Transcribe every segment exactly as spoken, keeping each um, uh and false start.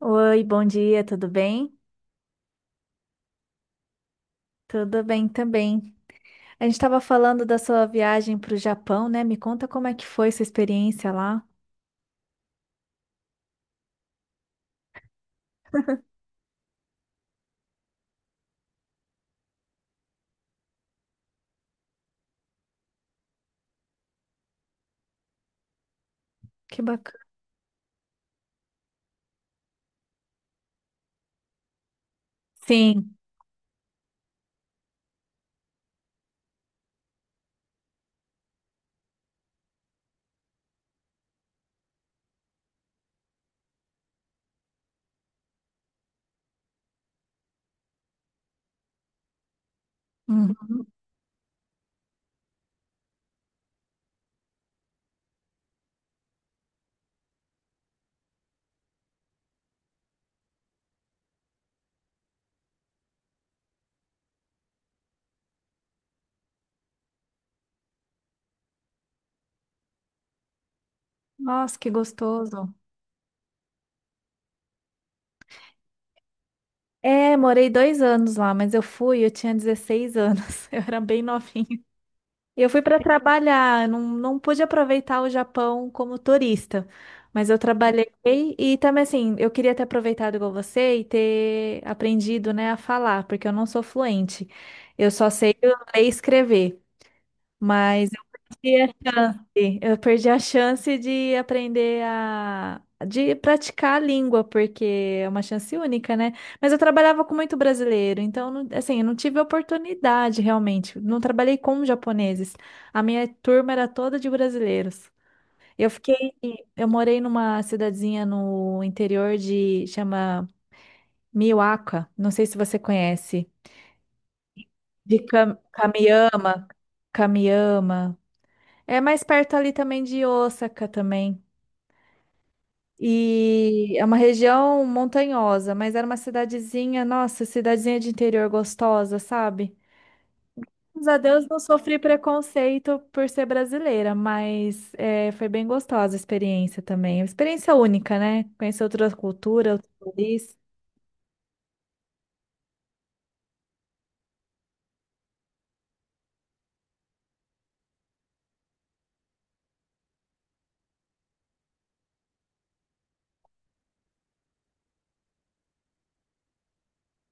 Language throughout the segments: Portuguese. Oi, bom dia, tudo bem? Tudo bem também. A gente estava falando da sua viagem para o Japão, né? Me conta como é que foi sua experiência lá. Que bacana. Sim. Uhum. Nossa, que gostoso. É, morei dois anos lá, mas eu fui, eu tinha dezesseis anos, eu era bem novinha. Eu fui para trabalhar, não, não pude aproveitar o Japão como turista, mas eu trabalhei e também assim, eu queria ter aproveitado igual você e ter aprendido, né, a falar, porque eu não sou fluente. Eu só sei ler e escrever. Mas eu perdi a chance. Eu perdi a chance de aprender a de praticar a língua, porque é uma chance única, né? Mas eu trabalhava com muito brasileiro, então não- assim, eu não tive oportunidade realmente. Não trabalhei com japoneses. A minha turma era toda de brasileiros. Eu fiquei, eu morei numa cidadezinha no interior de chama Miwaka, não sei se você conhece, de Cam- Kamiama, Kamiama. É mais perto ali também de Osaka também. E é uma região montanhosa, mas era uma cidadezinha, nossa, cidadezinha de interior gostosa, sabe? Graças a Deus não sofri preconceito por ser brasileira, mas é, foi bem gostosa a experiência também. Uma experiência única, né? Conhecer outra cultura, outro país.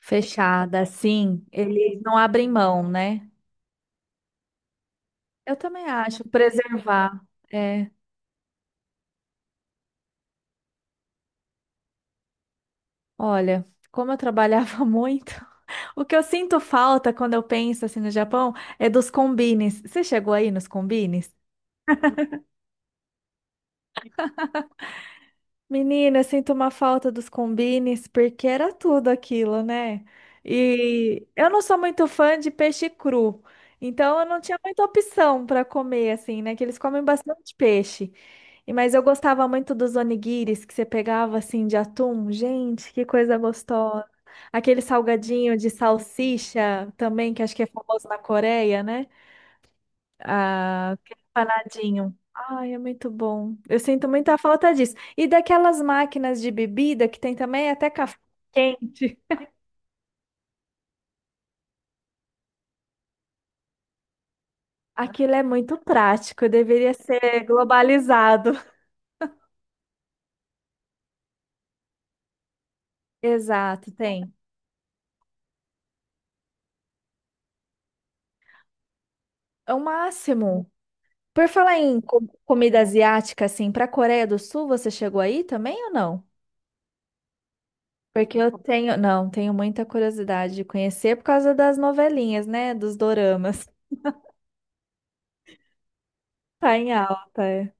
Fechada, assim, eles não abrem mão, né? Eu também acho, preservar. É, olha, como eu trabalhava muito. O que eu sinto falta quando eu penso assim no Japão é dos combines. Você chegou aí nos combines? Menina, eu sinto uma falta dos combines porque era tudo aquilo, né? E eu não sou muito fã de peixe cru, então eu não tinha muita opção para comer assim, né? Que eles comem bastante peixe. E mas eu gostava muito dos onigiris que você pegava assim de atum. Gente, que coisa gostosa. Aquele salgadinho de salsicha também, que acho que é famoso na Coreia, né? Ah, aquele empanadinho. Ai, é muito bom. Eu sinto muita falta disso. E daquelas máquinas de bebida que tem também até café quente. Aquilo é muito prático, deveria ser globalizado. Exato, tem. É o máximo. Por falar em co- comida asiática, assim, para a Coreia do Sul, você chegou aí também ou não? Porque eu tenho, não, tenho muita curiosidade de conhecer por causa das novelinhas, né? Dos doramas. Tá em alta, é.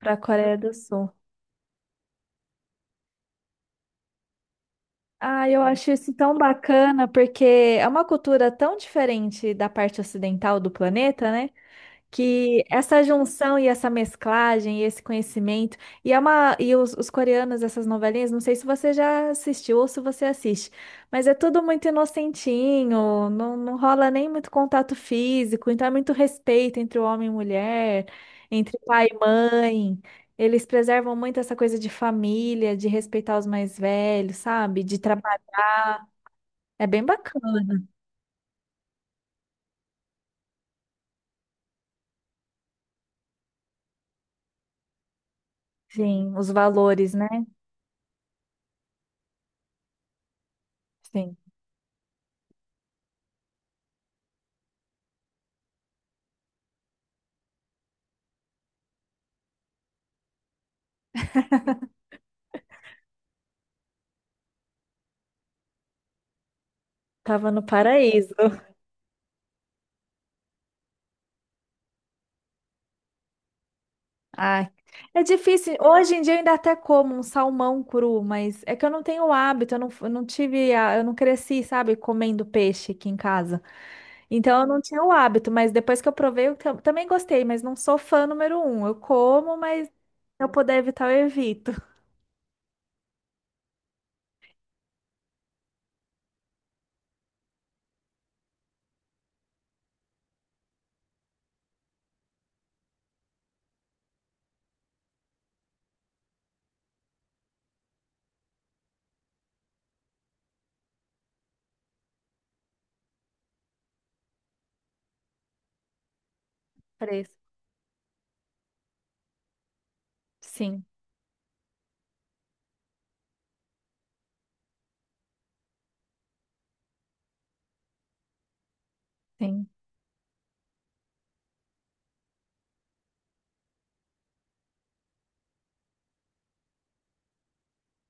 Para a Coreia do Sul. Ah, eu acho isso tão bacana, porque é uma cultura tão diferente da parte ocidental do planeta, né? Que essa junção e essa mesclagem e esse conhecimento. E, é uma, e os, os coreanos, essas novelinhas, não sei se você já assistiu ou se você assiste, mas é tudo muito inocentinho, não, não rola nem muito contato físico, então é muito respeito entre o homem e mulher, entre pai e mãe. Eles preservam muito essa coisa de família, de respeitar os mais velhos, sabe? De é bem bacana, sim, os valores, né? Sim, tava no paraíso. Ai, é difícil. Hoje em dia eu ainda até como um salmão cru, mas é que eu não tenho o hábito, eu não, eu não tive, a- eu não cresci, sabe, comendo peixe aqui em casa. Então eu não tinha o hábito, mas depois que eu provei, eu tam- também gostei, mas não sou fã número um. Eu como, mas se eu puder evitar, eu evito. Preço. Sim, sim.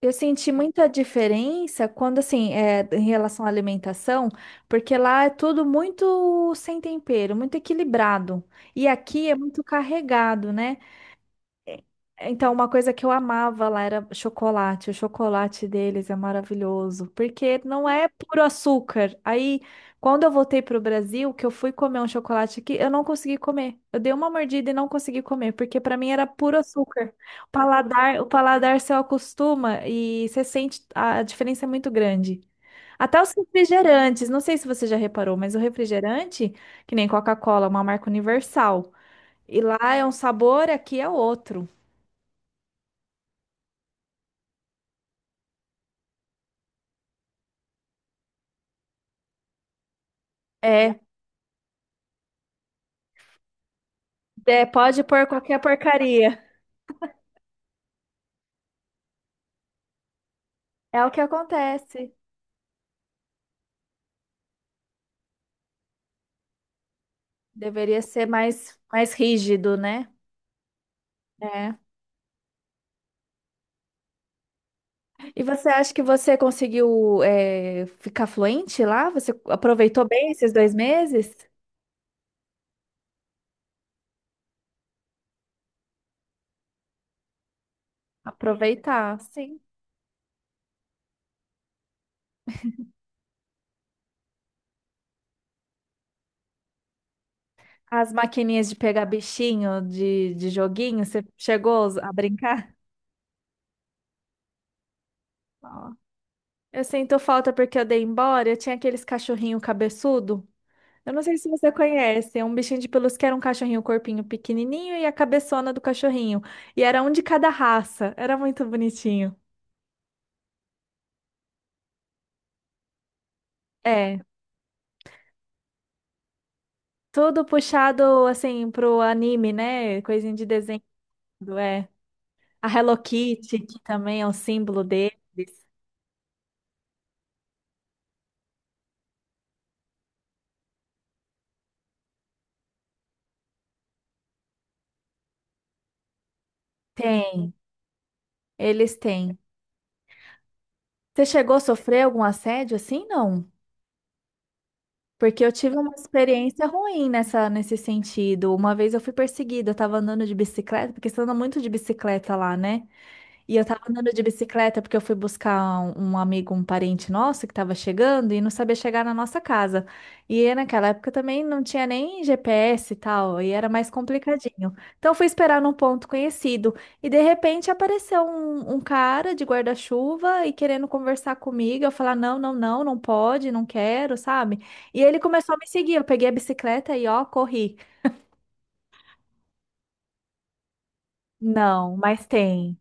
Eu senti muita diferença quando, assim, é, em relação à alimentação, porque lá é tudo muito sem tempero, muito equilibrado. E aqui é muito carregado, né? Então, uma coisa que eu amava lá era chocolate. O chocolate deles é maravilhoso, porque não é puro açúcar. Aí, quando eu voltei para o Brasil, que eu fui comer um chocolate aqui, eu não consegui comer. Eu dei uma mordida e não consegui comer, porque para mim era puro açúcar. O paladar, o paladar se acostuma e você sente a a diferença é muito grande. Até os refrigerantes, não sei se você já reparou, mas o refrigerante, que nem Coca-Cola, é uma marca universal. E lá é um sabor, aqui é outro. É, é, pode pôr qualquer porcaria. É o que acontece. Deveria ser mais, mais rígido, né? É. E você acha que você conseguiu, é, ficar fluente lá? Você aproveitou bem esses dois meses? Aproveitar, sim. As maquininhas de pegar bichinho, de, de joguinho, você chegou a brincar? Ó. Eu sinto falta porque eu dei embora. Eu tinha aqueles cachorrinho cabeçudo. Eu não sei se você conhece, é um bichinho de pelúcia que era um cachorrinho, o corpinho pequenininho e a cabeçona do cachorrinho. E era um de cada raça, era muito bonitinho. É, tudo puxado assim pro anime, né? Coisinha de desenho, é. A Hello Kitty, que também é um símbolo deles. Tem, eles têm. Você chegou a sofrer algum assédio assim? Não. Porque eu tive uma experiência ruim nessa, nesse sentido. Uma vez eu fui perseguida, eu tava andando de bicicleta, porque você anda muito de bicicleta lá, né? E eu tava andando de bicicleta porque eu fui buscar um, um amigo, um parente nosso que tava chegando e não sabia chegar na nossa casa. E naquela época também não tinha nem G P S e tal, e era mais complicadinho. Então eu fui esperar num ponto conhecido e de repente apareceu um, um cara de guarda-chuva e querendo conversar comigo. Eu falar: não, não, não, não pode, não quero, sabe? E ele começou a me seguir. Eu peguei a bicicleta e ó, corri. Não, mas tem.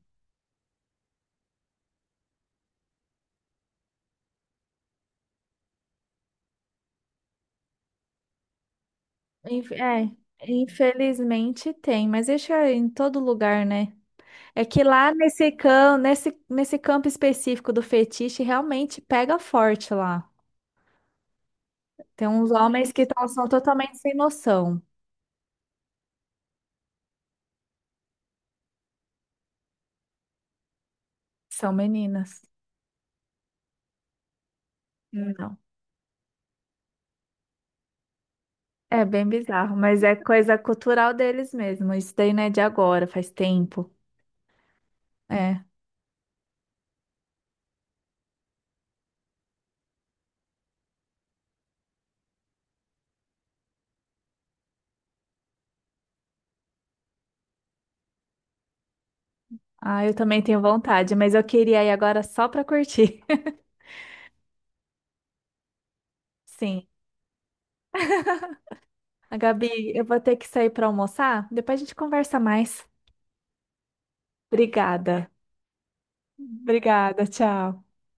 Inf- É, infelizmente tem, mas isso é em todo lugar, né? É que lá nesse campo, nesse, nesse campo específico do fetiche, realmente pega forte lá. Tem uns homens que tão- são totalmente sem noção. São meninas. Não. É bem bizarro, mas é coisa cultural deles mesmo. Isso daí não é de agora, faz tempo. É. Ah, eu também tenho vontade, mas eu queria ir agora só pra curtir. Sim. A Gabi, eu vou ter que sair pra almoçar, depois a gente conversa mais. Obrigada. Obrigada, tchau.